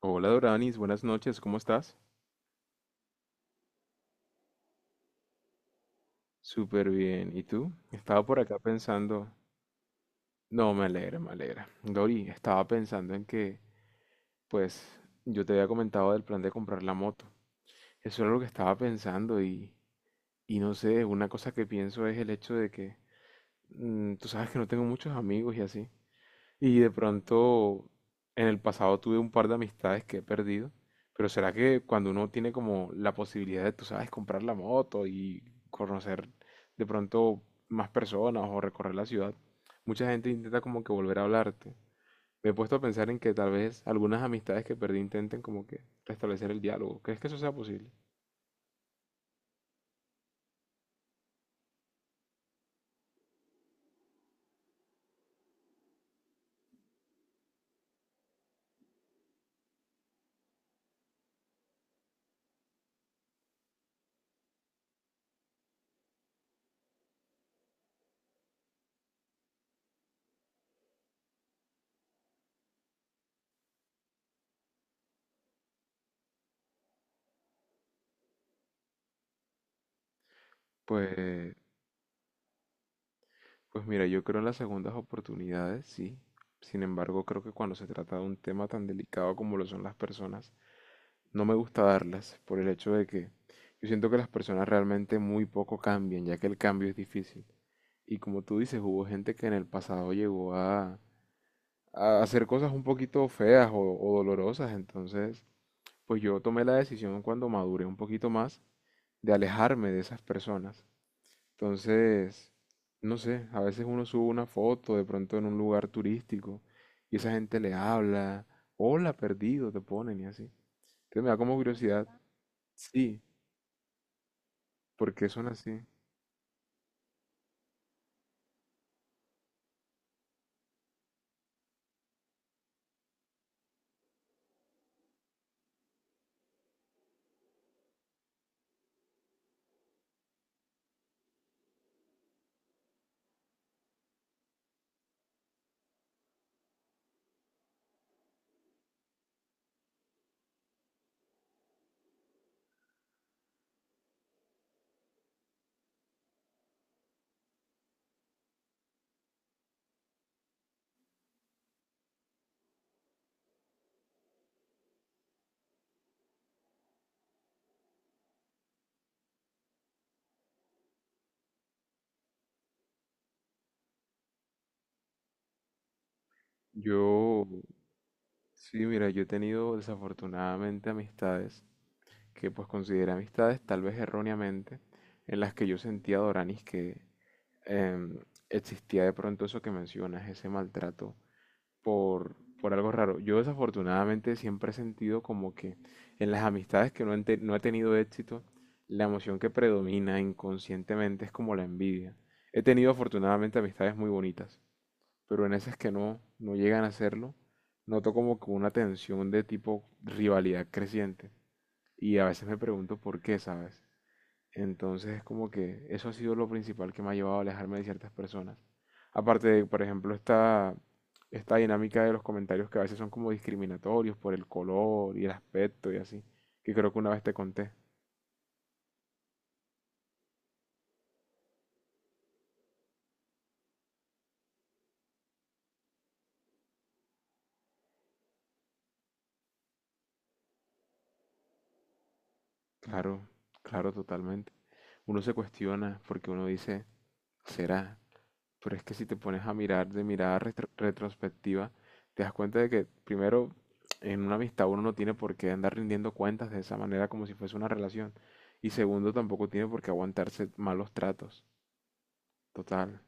Hola Doranis, buenas noches, ¿cómo estás? Súper bien, ¿y tú? Estaba por acá pensando, no, me alegra, me alegra. Dori, estaba pensando en que, pues, yo te había comentado del plan de comprar la moto. Eso era lo que estaba pensando y, no sé, una cosa que pienso es el hecho de que, tú sabes que no tengo muchos amigos y así. Y de pronto, en el pasado tuve un par de amistades que he perdido, pero será que cuando uno tiene como la posibilidad de, tú sabes, comprar la moto y conocer de pronto más personas o recorrer la ciudad, mucha gente intenta como que volver a hablarte. Me he puesto a pensar en que tal vez algunas amistades que perdí intenten como que restablecer el diálogo. ¿Crees que eso sea posible? Pues, pues mira, yo creo en las segundas oportunidades, sí. Sin embargo, creo que cuando se trata de un tema tan delicado como lo son las personas, no me gusta darlas por el hecho de que yo siento que las personas realmente muy poco cambian, ya que el cambio es difícil. Y como tú dices, hubo gente que en el pasado llegó a hacer cosas un poquito feas o dolorosas. Entonces, pues yo tomé la decisión cuando maduré un poquito más de alejarme de esas personas. Entonces, no sé, a veces uno sube una foto de pronto en un lugar turístico y esa gente le habla, hola, perdido, te ponen y así. Entonces me da como curiosidad. Sí, ¿por qué son así? Yo, sí, mira, yo he tenido desafortunadamente amistades que pues consideré amistades tal vez erróneamente, en las que yo sentía, Doranis, que em, existía de pronto eso que mencionas, ese maltrato por, por algo raro. Yo desafortunadamente siempre he sentido como que en las amistades que no he tenido éxito, la emoción que predomina inconscientemente es como la envidia. He tenido afortunadamente amistades muy bonitas, pero en esas que no, no llegan a hacerlo, noto como que una tensión de tipo rivalidad creciente. Y a veces me pregunto por qué, ¿sabes? Entonces es como que eso ha sido lo principal que me ha llevado a alejarme de ciertas personas. Aparte de, por ejemplo, esta dinámica de los comentarios que a veces son como discriminatorios por el color y el aspecto y así, que creo que una vez te conté. Claro, claro, totalmente. Uno se cuestiona porque uno dice, ¿será? Pero es que si te pones a mirar de mirada retrospectiva, te das cuenta de que primero en una amistad uno no tiene por qué andar rindiendo cuentas de esa manera como si fuese una relación. Y segundo, tampoco tiene por qué aguantarse malos tratos. Total.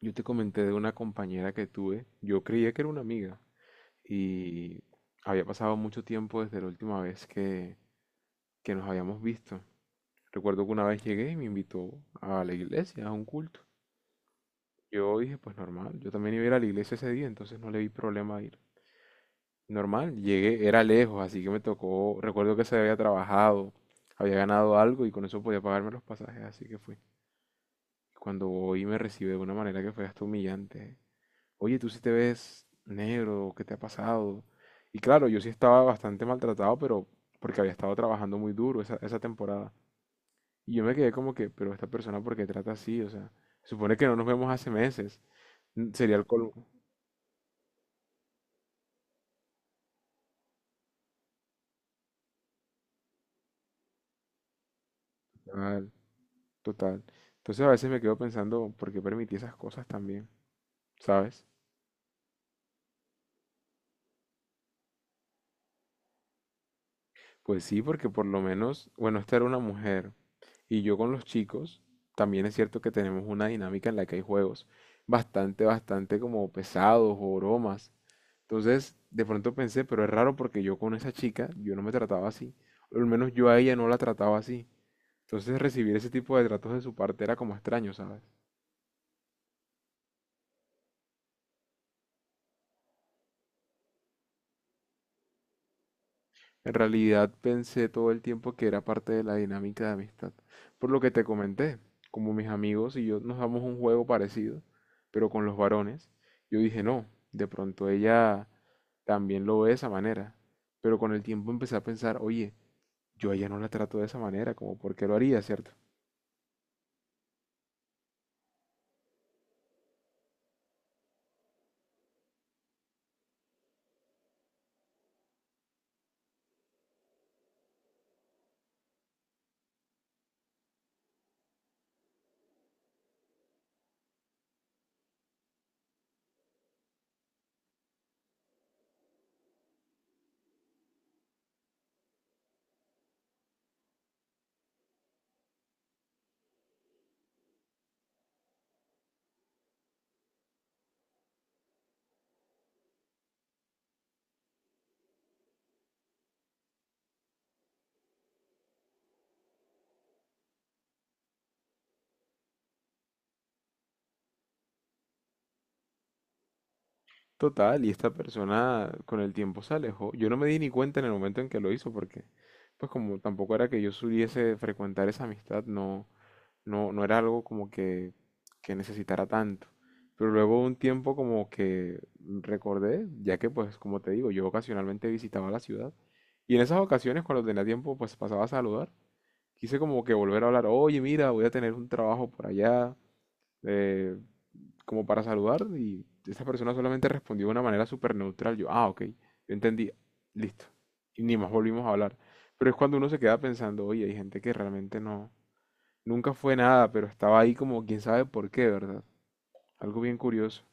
Yo te comenté de una compañera que tuve. Yo creía que era una amiga. Y había pasado mucho tiempo desde la última vez que nos habíamos visto. Recuerdo que una vez llegué y me invitó a la iglesia, a un culto. Yo dije, pues normal, yo también iba a ir a la iglesia ese día, entonces no le vi problema a ir. Normal, llegué, era lejos, así que me tocó, recuerdo que se había trabajado, había ganado algo y con eso podía pagarme los pasajes, así que fui. Cuando voy me recibe de una manera que fue hasta humillante. Oye, tú sí te ves negro, ¿qué te ha pasado? Y claro, yo sí estaba bastante maltratado, pero porque había estado trabajando muy duro esa temporada. Y yo me quedé como que, pero esta persona, ¿por qué trata así? O sea, supone que no nos vemos hace meses. Sería el colmo. Total. Entonces a veces me quedo pensando, ¿por qué permití esas cosas también? ¿Sabes? Pues sí, porque por lo menos, bueno, esta era una mujer y yo con los chicos, también es cierto que tenemos una dinámica en la que hay juegos bastante como pesados o bromas. Entonces, de pronto pensé, pero es raro porque yo con esa chica, yo no me trataba así. O al menos yo a ella no la trataba así. Entonces recibir ese tipo de tratos de su parte era como extraño, ¿sabes? En realidad pensé todo el tiempo que era parte de la dinámica de amistad. Por lo que te comenté, como mis amigos y yo nos damos un juego parecido, pero con los varones, yo dije, no, de pronto ella también lo ve de esa manera. Pero con el tiempo empecé a pensar, oye, yo a ella no la trato de esa manera, como por qué lo haría, ¿cierto? Total, y esta persona con el tiempo se alejó. Yo no me di ni cuenta en el momento en que lo hizo, porque pues como tampoco era que yo supiese frecuentar esa amistad, no, no, no era algo como que necesitara tanto. Pero luego de un tiempo como que recordé, ya que pues como te digo, yo ocasionalmente visitaba la ciudad y en esas ocasiones cuando tenía tiempo pues pasaba a saludar. Quise como que volver a hablar, oye mira, voy a tener un trabajo por allá, eh, como para saludar y esa persona solamente respondió de una manera súper neutral. Yo, ah, ok, yo entendí, listo. Y ni más volvimos a hablar. Pero es cuando uno se queda pensando, oye, hay gente que realmente no, nunca fue nada, pero estaba ahí como quién sabe por qué, ¿verdad? Algo bien curioso.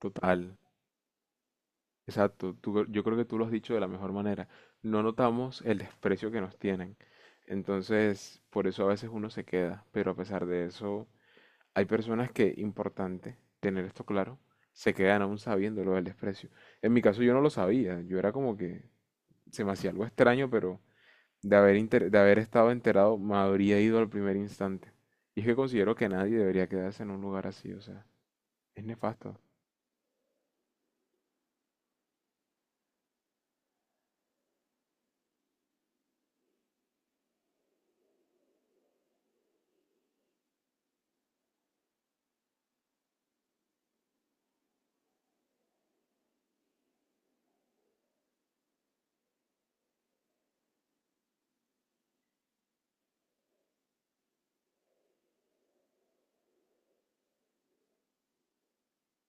Total. Exacto. Yo creo que tú lo has dicho de la mejor manera. No notamos el desprecio que nos tienen. Entonces, por eso a veces uno se queda. Pero a pesar de eso, hay personas que, importante tener esto claro, se quedan aún sabiendo lo del desprecio. En mi caso yo no lo sabía. Yo era como que se me hacía algo extraño, pero de haber estado enterado, me habría ido al primer instante. Y es que considero que nadie debería quedarse en un lugar así, o sea, es nefasto.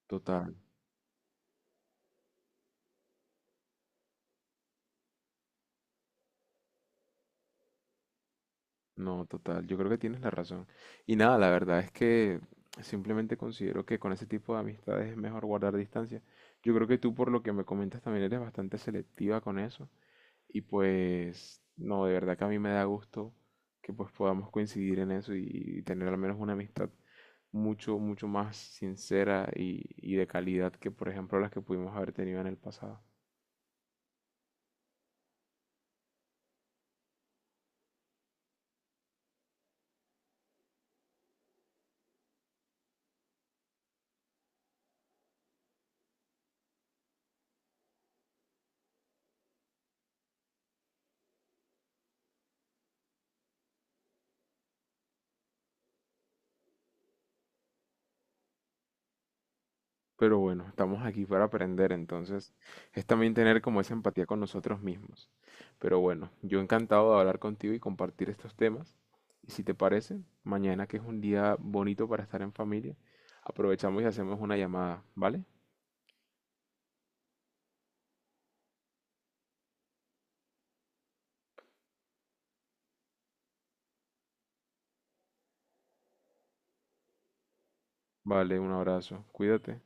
Total, no, total, yo creo que tienes la razón. Y nada, la verdad es que simplemente considero que con ese tipo de amistades es mejor guardar distancia. Yo creo que tú, por lo que me comentas, también eres bastante selectiva con eso. Y pues, no, de verdad que a mí me da gusto que pues podamos coincidir en eso y tener al menos una amistad mucho, mucho más sincera y de calidad que, por ejemplo, las que pudimos haber tenido en el pasado. Pero bueno, estamos aquí para aprender, entonces es también tener como esa empatía con nosotros mismos. Pero bueno, yo encantado de hablar contigo y compartir estos temas. Y si te parece, mañana que es un día bonito para estar en familia, aprovechamos y hacemos una llamada, ¿vale? Vale, un abrazo, cuídate.